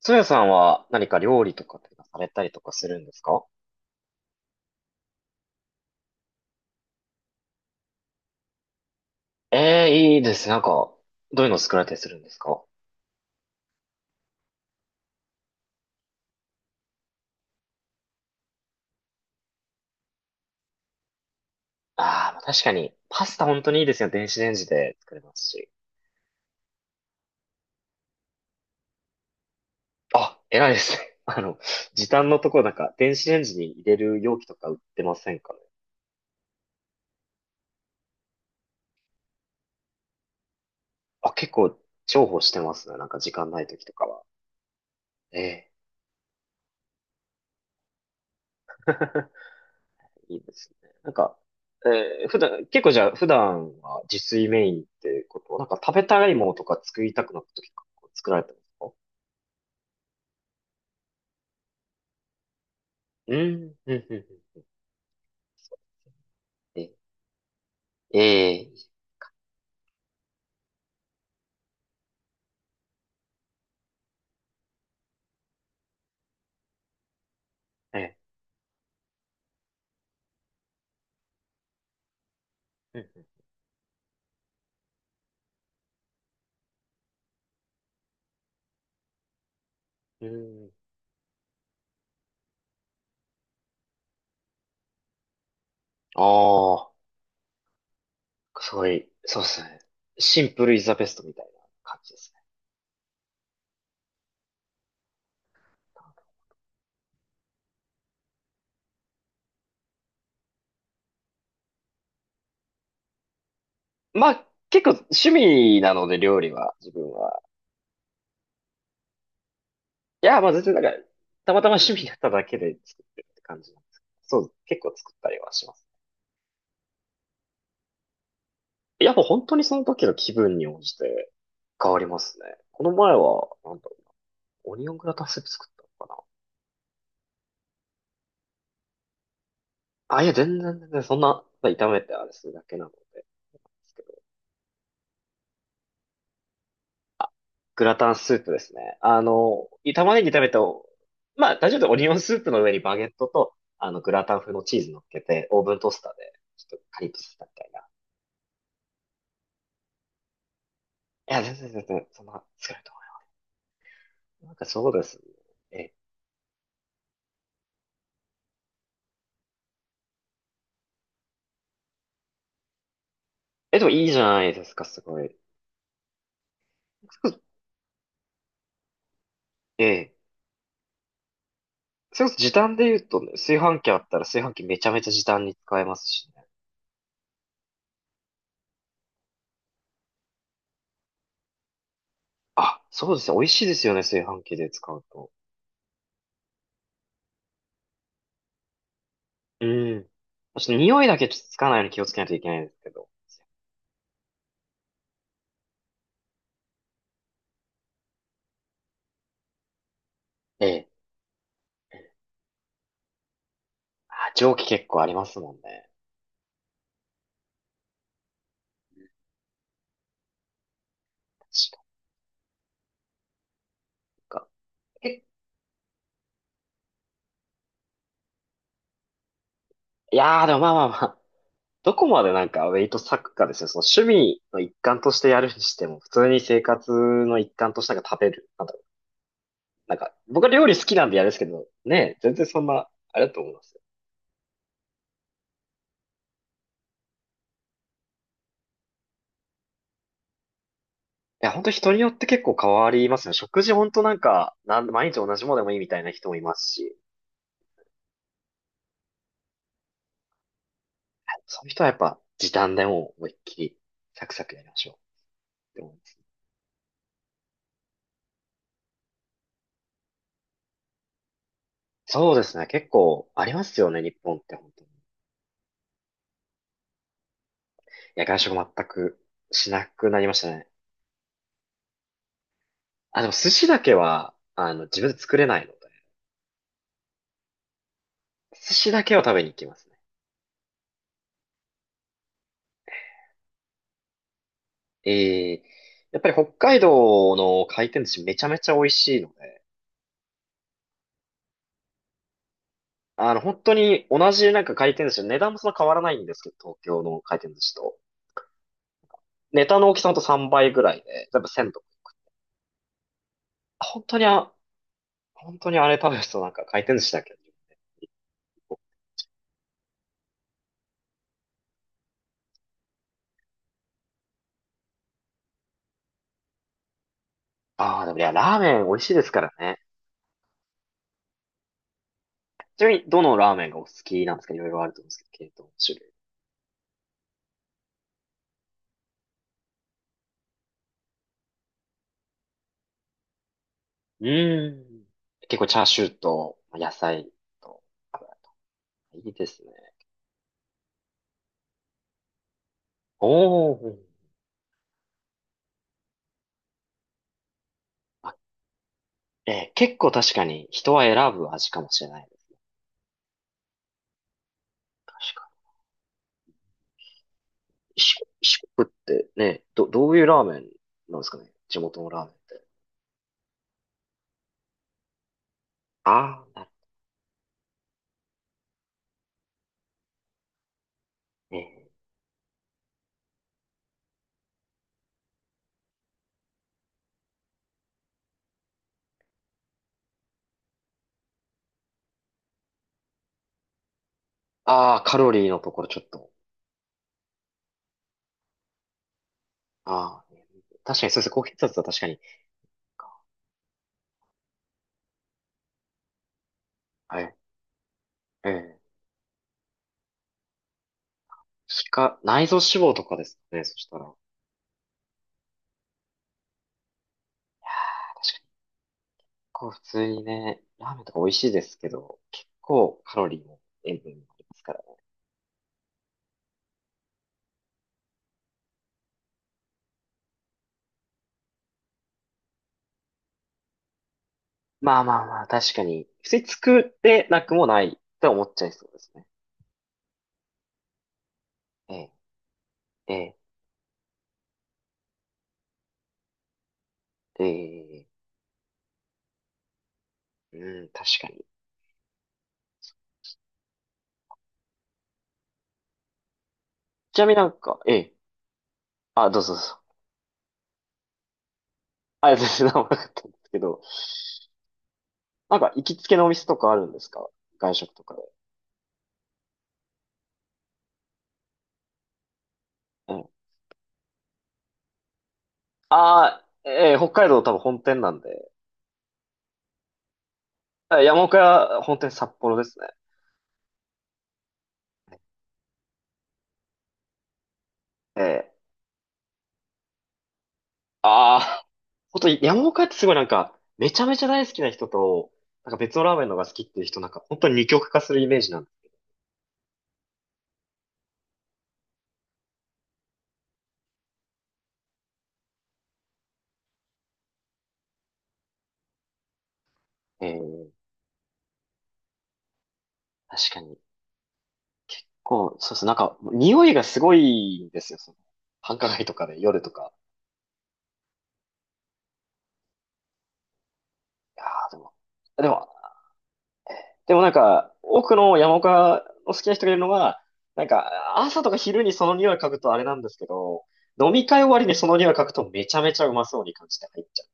ソヤさんは何か料理とかってされたりとかするんですか？ええー、いいですね。なんか、どういうの作られたりするんですか？ああー、まあ確かに、パスタ本当にいいですよ。電子レンジで作れますし。あ、偉いですね。あの、時短のところなんか、電子レンジに入れる容器とか売ってませんかね。あ、結構重宝してますね。なんか時間ない時とかは。ええ いいですね。なんか、普段、結構じゃあ、普段は自炊メインってことなんか食べたいものとか作りたくなった時とか作られてますか？うん、うん、うん、うん。え、えー、えー、うん、うん。うん。ああ、すごい、そうですね。シンプルイズザベストみたいな感じですね。まあ、結構趣味なので料理は、自分は。いや、まあ全然なんか、たまたま趣味だっただけで作ってるって感じなんですけど。そう、結構作ったりはします。いや、もう本当にその時の気分に応じて変わりますね。この前は、なんだろう、オニオングラタンスープ作ったのかなあ。いや、全然全然、そんな、炒めてあれするだけなので、ですけど。グラタンスープですね。あの、玉ねぎ炒めて、まあ、大丈夫でオニオンスープの上にバゲットと、あの、グラタン風のチーズ乗っけて、オーブントースターで、ちょっとカリッとさせたみたいな。いや、全然全然、そんな、作れると思います。なんかそうですね。え、え、でもいいじゃないですか、すごい。ええ。それこそ時短で言うとね、炊飯器あったら炊飯器めちゃめちゃ時短に使えますしね。あ、そうですね。美味しいですよね、炊飯器で使うと。うん。ちょっと匂いだけちょっとつかないように気をつけないといけないんですけど。ええ。あ、蒸気結構ありますもんね。確かにか。え、いやー、でもまあまあまあ。どこまでなんかウェイト割くかですよ。その趣味の一環としてやるにしても、普通に生活の一環としてなんか食べる。なんだろう。なんか、僕は料理好きなんでやるんですけど、ねえ、全然そんな、あれだと思います。いや、本当人によって結構変わりますね。食事本当なんか、毎日同じものでもいいみたいな人もいますし、そういう人はやっぱ時短でもう思いっきりサクサクやりましょうって思います。そうですね。結構ありますよね、日本って本当に。いや、外食全くしなくなりましたね。あ、でも寿司だけは、あの、自分で作れないので、寿司だけは食べに行きますね。えー、やっぱり北海道の回転寿司めちゃめちゃ美味しいので、あの、本当に同じなんか回転寿司、値段もそんな変わらないんですけど、東京の回転寿司と。ネタの大きさほんと3倍ぐらいで、全部1とか。本当にあ、本当にあれ食べるとなんか回転寿司だけど。ああ、でもいや、ラーメン美味しいですからね。ちなみに、どのラーメンがお好きなんですか？いろいろあると思うんですけど、系統、種類。うーん。結構チャーシューと、野菜と、油いいですね。おー。あ、結構確かに人は選ぶ味かもしれない。確かに四国ってね、どういうラーメンなんですかね、地元のラーメンって。ああ、なるほどね。ああ、カロリーのところちょっと。ああ、ね、確かにそうですね。高血圧は確かに。はい。ええ。内臓脂肪とかですかね。そしたら。いやー、確かに結構普通にね、ラーメンとか美味しいですけど、結構カロリーも塩分もありますからね。まあまあまあ、確かに。普通に作ってなくもないと思っちゃいそうですね。ええ、ええ、ええ、うん、確かに。ちなみになんか、ええ。あ、どうぞどうぞ。あ、全然何なかったんですけど、なんか行きつけのお店とかあるんですか？外食とかで。ええ。ああ、ええ、北海道多分本店なんで。あ、山岡屋本店札幌ですね。ええ。ああ、ほんと山岡屋ってすごいなんか、めちゃめちゃ大好きな人と、なんか別のラーメンのが好きっていう人なんか本当に二極化するイメージなんで。ええ、確かに。こう、そうです。なんか、匂いがすごいんですよ。その繁華街とかで、夜とか。いやーでも、でも、でもなんか、多くの山岡を好きな人がいるのは、なんか、朝とか昼にその匂い嗅ぐとあれなんですけど、飲み会終わりにその匂い嗅ぐとめちゃめちゃうまそうに感じて入っちゃう。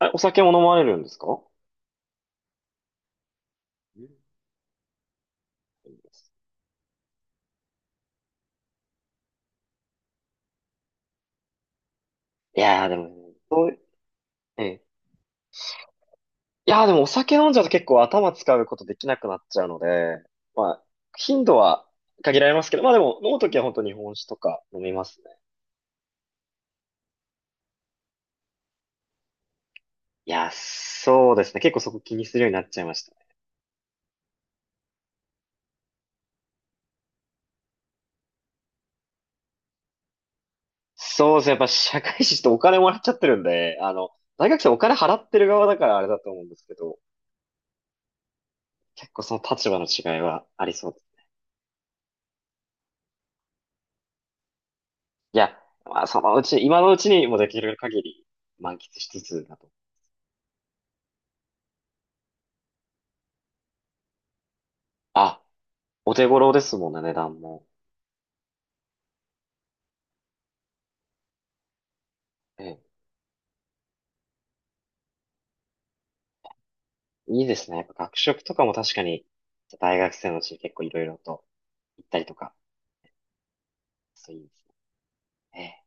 あ、お酒も飲まれるんですか？うん、いいです。いやーでも、そう、ええ。いやーでもお酒飲んじゃうと結構頭使うことできなくなっちゃうので、まあ、頻度は限られますけど、まあでも飲むときは本当日本酒とか飲みますね。いやー、そうですね。結構そこ気にするようになっちゃいました。そうですね。やっぱ社会人ってお金もらっちゃってるんで、あの、大学生お金払ってる側だからあれだと思うんですけど、結構その立場の違いはありそうです。いや、まあそのうち、今のうちにもできる限り満喫しつつだと。あ、お手頃ですもんね、値段も。ええ、いいですね。やっぱ学食とかも確かに、大学生のうちに結構いろいろと行ったりとか、そういいですね。ええ